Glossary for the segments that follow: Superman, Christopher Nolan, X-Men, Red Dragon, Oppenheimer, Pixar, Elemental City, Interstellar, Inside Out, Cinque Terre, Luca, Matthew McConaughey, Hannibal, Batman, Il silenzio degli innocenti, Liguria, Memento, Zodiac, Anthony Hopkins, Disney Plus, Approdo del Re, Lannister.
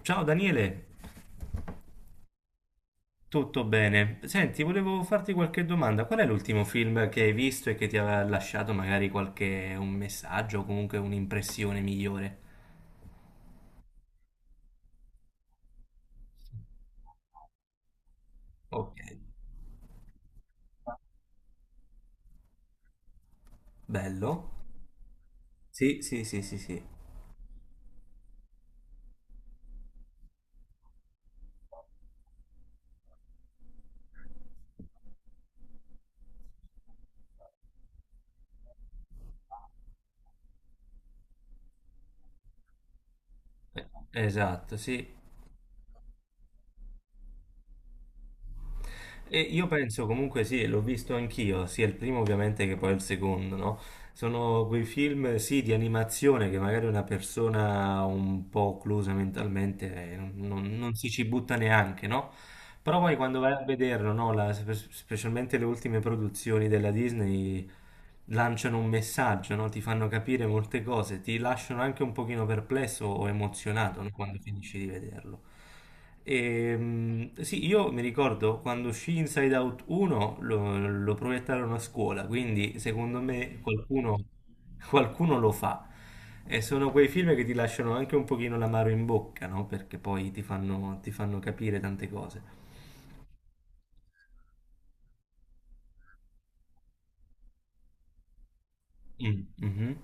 Ciao Daniele, tutto bene? Senti, volevo farti qualche domanda. Qual è l'ultimo film che hai visto e che ti aveva lasciato magari qualche un messaggio o comunque un'impressione migliore? Ok, bello. Sì, sì, sì, sì, sì. Esatto, sì. E io penso comunque sì, l'ho visto anch'io, sia il primo ovviamente che poi il secondo, no? Sono quei film, sì, di animazione che magari una persona un po' occlusa mentalmente non si ci butta neanche, no? Però poi quando vai a vederlo, no? Specialmente le ultime produzioni della Disney, lanciano un messaggio, no? Ti fanno capire molte cose, ti lasciano anche un pochino perplesso o emozionato, no? Quando finisci di vederlo. E, sì, io mi ricordo quando uscì Inside Out 1 lo proiettarono a scuola, quindi secondo me qualcuno lo fa. E sono quei film che ti lasciano anche un pochino l'amaro in bocca, no? Perché poi ti fanno capire tante cose. Mm, mhm.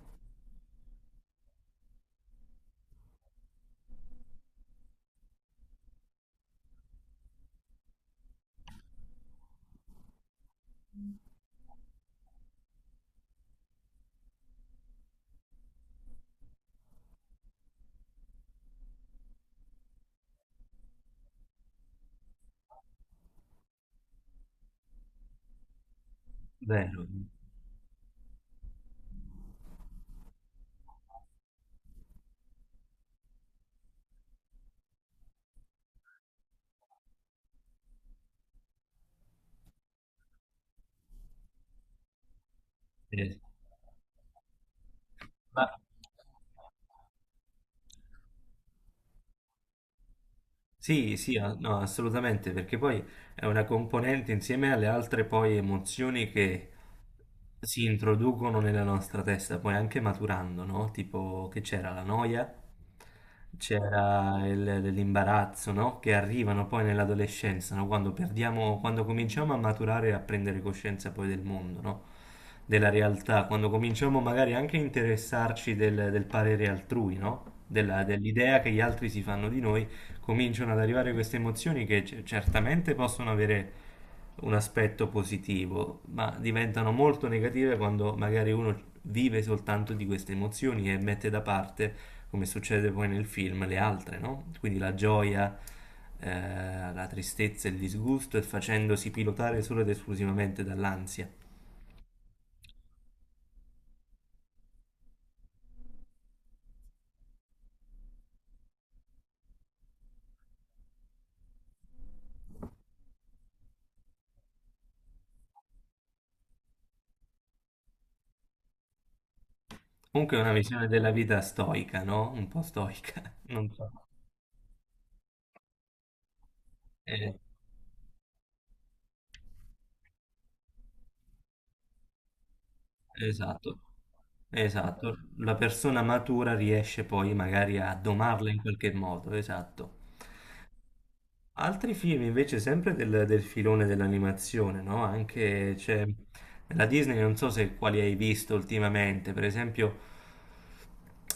Vero. Eh, Ma Sì, sì, no, assolutamente, perché poi è una componente insieme alle altre poi emozioni che si introducono nella nostra testa, poi anche maturando, no? Tipo che c'era la noia, c'era l'imbarazzo, no? Che arrivano poi nell'adolescenza, no? Quando perdiamo, quando cominciamo a maturare e a prendere coscienza poi del mondo, no? Della realtà, quando cominciamo magari anche a interessarci del parere altrui, no? Dell'idea che gli altri si fanno di noi cominciano ad arrivare queste emozioni che certamente possono avere un aspetto positivo, ma diventano molto negative quando magari uno vive soltanto di queste emozioni e mette da parte, come succede poi nel film, le altre, no? Quindi la gioia, la tristezza, e il disgusto e facendosi pilotare solo ed esclusivamente dall'ansia. Comunque è una visione della vita stoica, no? Un po' stoica, non so. Eh, Esatto, esatto. La persona matura riesce poi magari a domarla in qualche modo, esatto. Altri film invece sempre del filone dell'animazione, no? Anche c'è nella Disney, non so se quali hai visto ultimamente, per esempio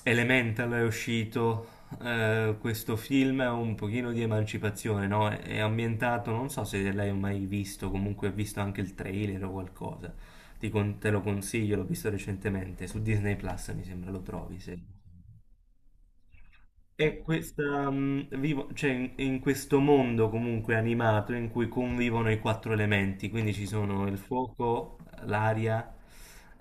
Elemental è uscito, questo film è un pochino di emancipazione, no? È ambientato, non so se l'hai mai visto, comunque ho visto anche il trailer o qualcosa. Te lo consiglio, l'ho visto recentemente, su Disney Plus mi sembra lo trovi, se... E questa, mm, cioè, in questo mondo comunque animato in cui convivono i quattro elementi, quindi ci sono il fuoco, l'aria,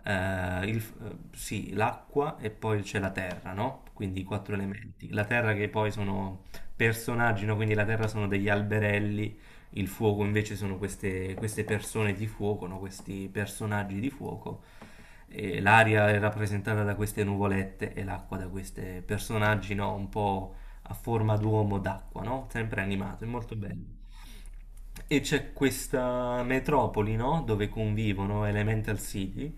sì, l'acqua e poi c'è la terra, no? Quindi i quattro elementi. La terra che poi sono personaggi, no? Quindi la terra sono degli alberelli, il fuoco invece sono queste persone di fuoco, no? Questi personaggi di fuoco. E l'aria è rappresentata da queste nuvolette e l'acqua da questi personaggi, no? Un po' a forma d'uomo d'acqua, no? Sempre animato, è molto bello. E c'è questa metropoli, no? Dove convivono Elemental City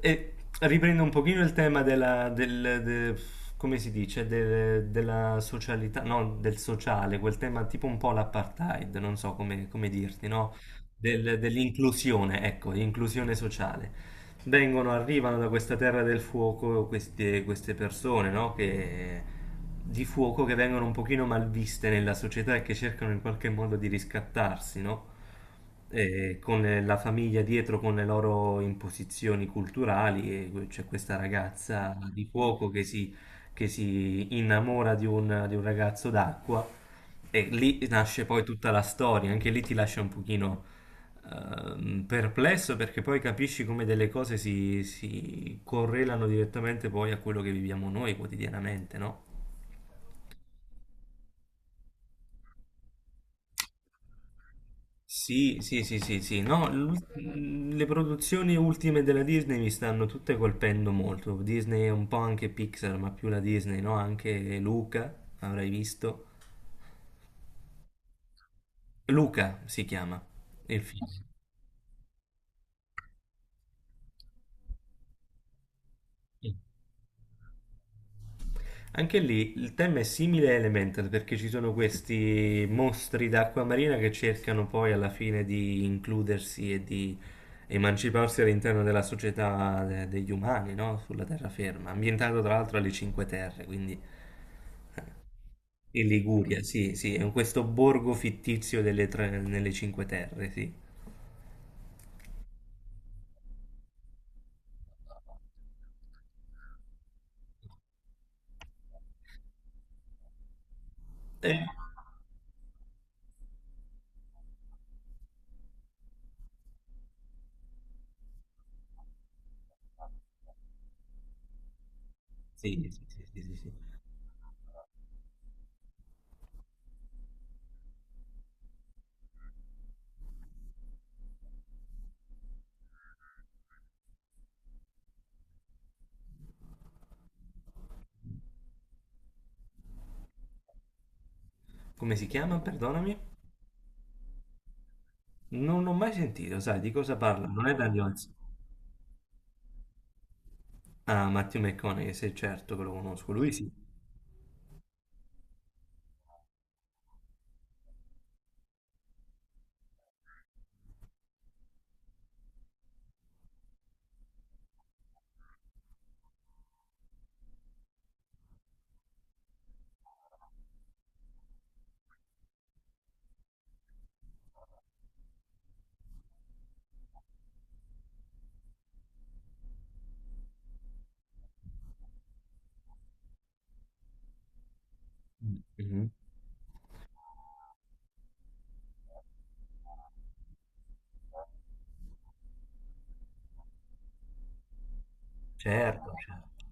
e riprendo un pochino il tema come si dice, della socialità, no, del sociale, quel tema tipo un po' l'apartheid, non so come, come dirti, no? Dell'inclusione, ecco, inclusione sociale. Vengono, arrivano da questa terra del fuoco queste persone, no? Che di fuoco che vengono un pochino malviste nella società e che cercano in qualche modo di riscattarsi, no? Con la famiglia dietro, con le loro imposizioni culturali, e c'è questa ragazza di fuoco che si innamora di un ragazzo d'acqua, e lì nasce poi tutta la storia, anche lì ti lascia un pochino perplesso perché poi capisci come delle cose si correlano direttamente poi a quello che viviamo noi quotidianamente, no? Sì, sì, sì, sì, sì, no, le produzioni ultime della Disney mi stanno tutte colpendo molto. Disney è un po' anche Pixar, ma più la Disney, no? Anche Luca, avrai visto. Luca si chiama il film. Anche lì il tema è simile a Elemental perché ci sono questi mostri d'acqua marina che cercano poi alla fine di includersi e di emanciparsi all'interno della società degli umani, no? Sulla terraferma, ambientato tra l'altro alle Cinque Terre, quindi in Liguria, sì, sì, è questo borgo fittizio nelle Cinque Terre, sì. Eh, sì, sì, sì, sì, sì, sì. Come si chiama? Perdonami? Non l'ho mai sentito, sai, di cosa parla? Non è Daniel... Ah, Matthew McConaughey, sei certo che lo conosco, lui sì. Mhm. Certo, certo.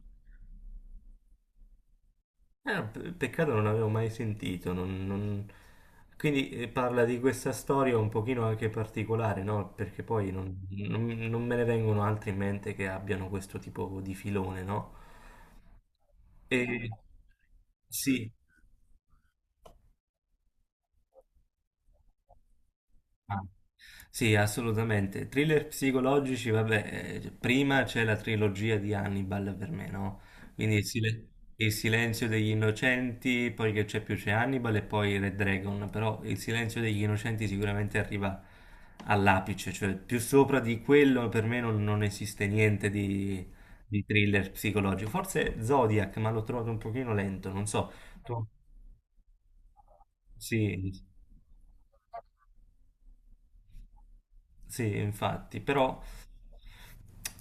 Ah, peccato, non avevo mai sentito. Quindi parla di questa storia un pochino anche particolare, no? Perché poi non me ne vengono altri in mente che abbiano questo tipo di filone, no? E... Sì, ah, sì, assolutamente. Thriller psicologici, vabbè, cioè, prima c'è la trilogia di Hannibal per me, no? Quindi il silenzio degli innocenti, poi che c'è più c'è Hannibal e poi Red Dragon, però il silenzio degli innocenti sicuramente arriva all'apice, cioè più sopra di quello per me non esiste niente di, di thriller psicologico. Forse Zodiac, ma l'ho trovato un pochino lento, non so. Tu... Sì, sì. Sì, infatti, però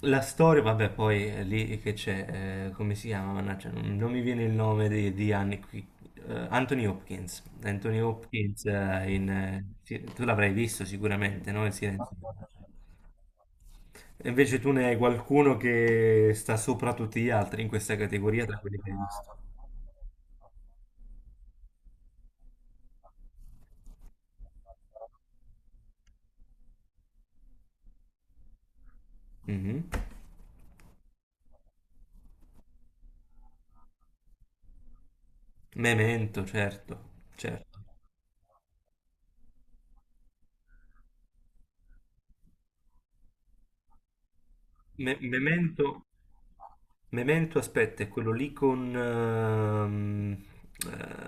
la storia, vabbè, poi è lì che c'è, come si chiama? Mannaggia, non mi viene il nome di Annie qui. Anthony Hopkins, tu l'avrai visto sicuramente, no? Il silenzio. E invece tu ne hai qualcuno che sta sopra tutti gli altri in questa categoria, tra quelli che hai visto. Mhm. Memento, certo, certo. Memento, Memento, aspetta, è quello lì con... ehm,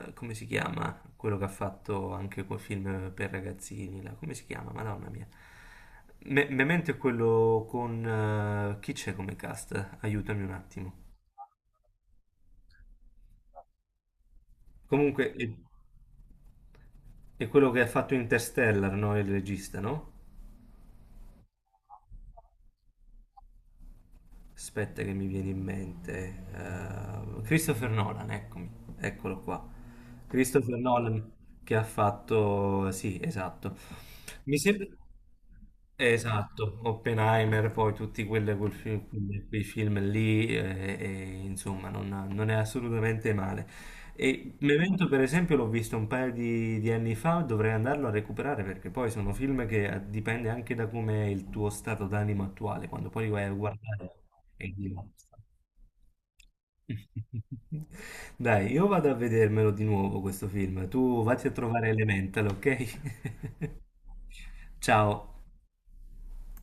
eh, come si chiama? Quello che ha fatto anche quel film per ragazzini, là. Come si chiama? Madonna mia. Memento è quello con... chi c'è come cast? Aiutami un attimo. Comunque, è quello che ha fatto Interstellar, no? Il regista, no? Aspetta che mi viene in mente. Eh, Christopher Nolan, eccomi, eccolo qua. Christopher Nolan che ha fatto... Sì, esatto. Mi sembra... Esatto, Oppenheimer, poi tutti quelle- quel film- quei film lì, insomma, non è assolutamente male. E Memento, per esempio, l'ho visto un paio di anni fa, dovrei andarlo a recuperare perché poi sono film che dipende anche da come è il tuo stato d'animo attuale, quando poi li vai a guardare è diverso. Dai, io vado a vedermelo di nuovo questo film, tu vatti a trovare Elemental, ok? Ciao.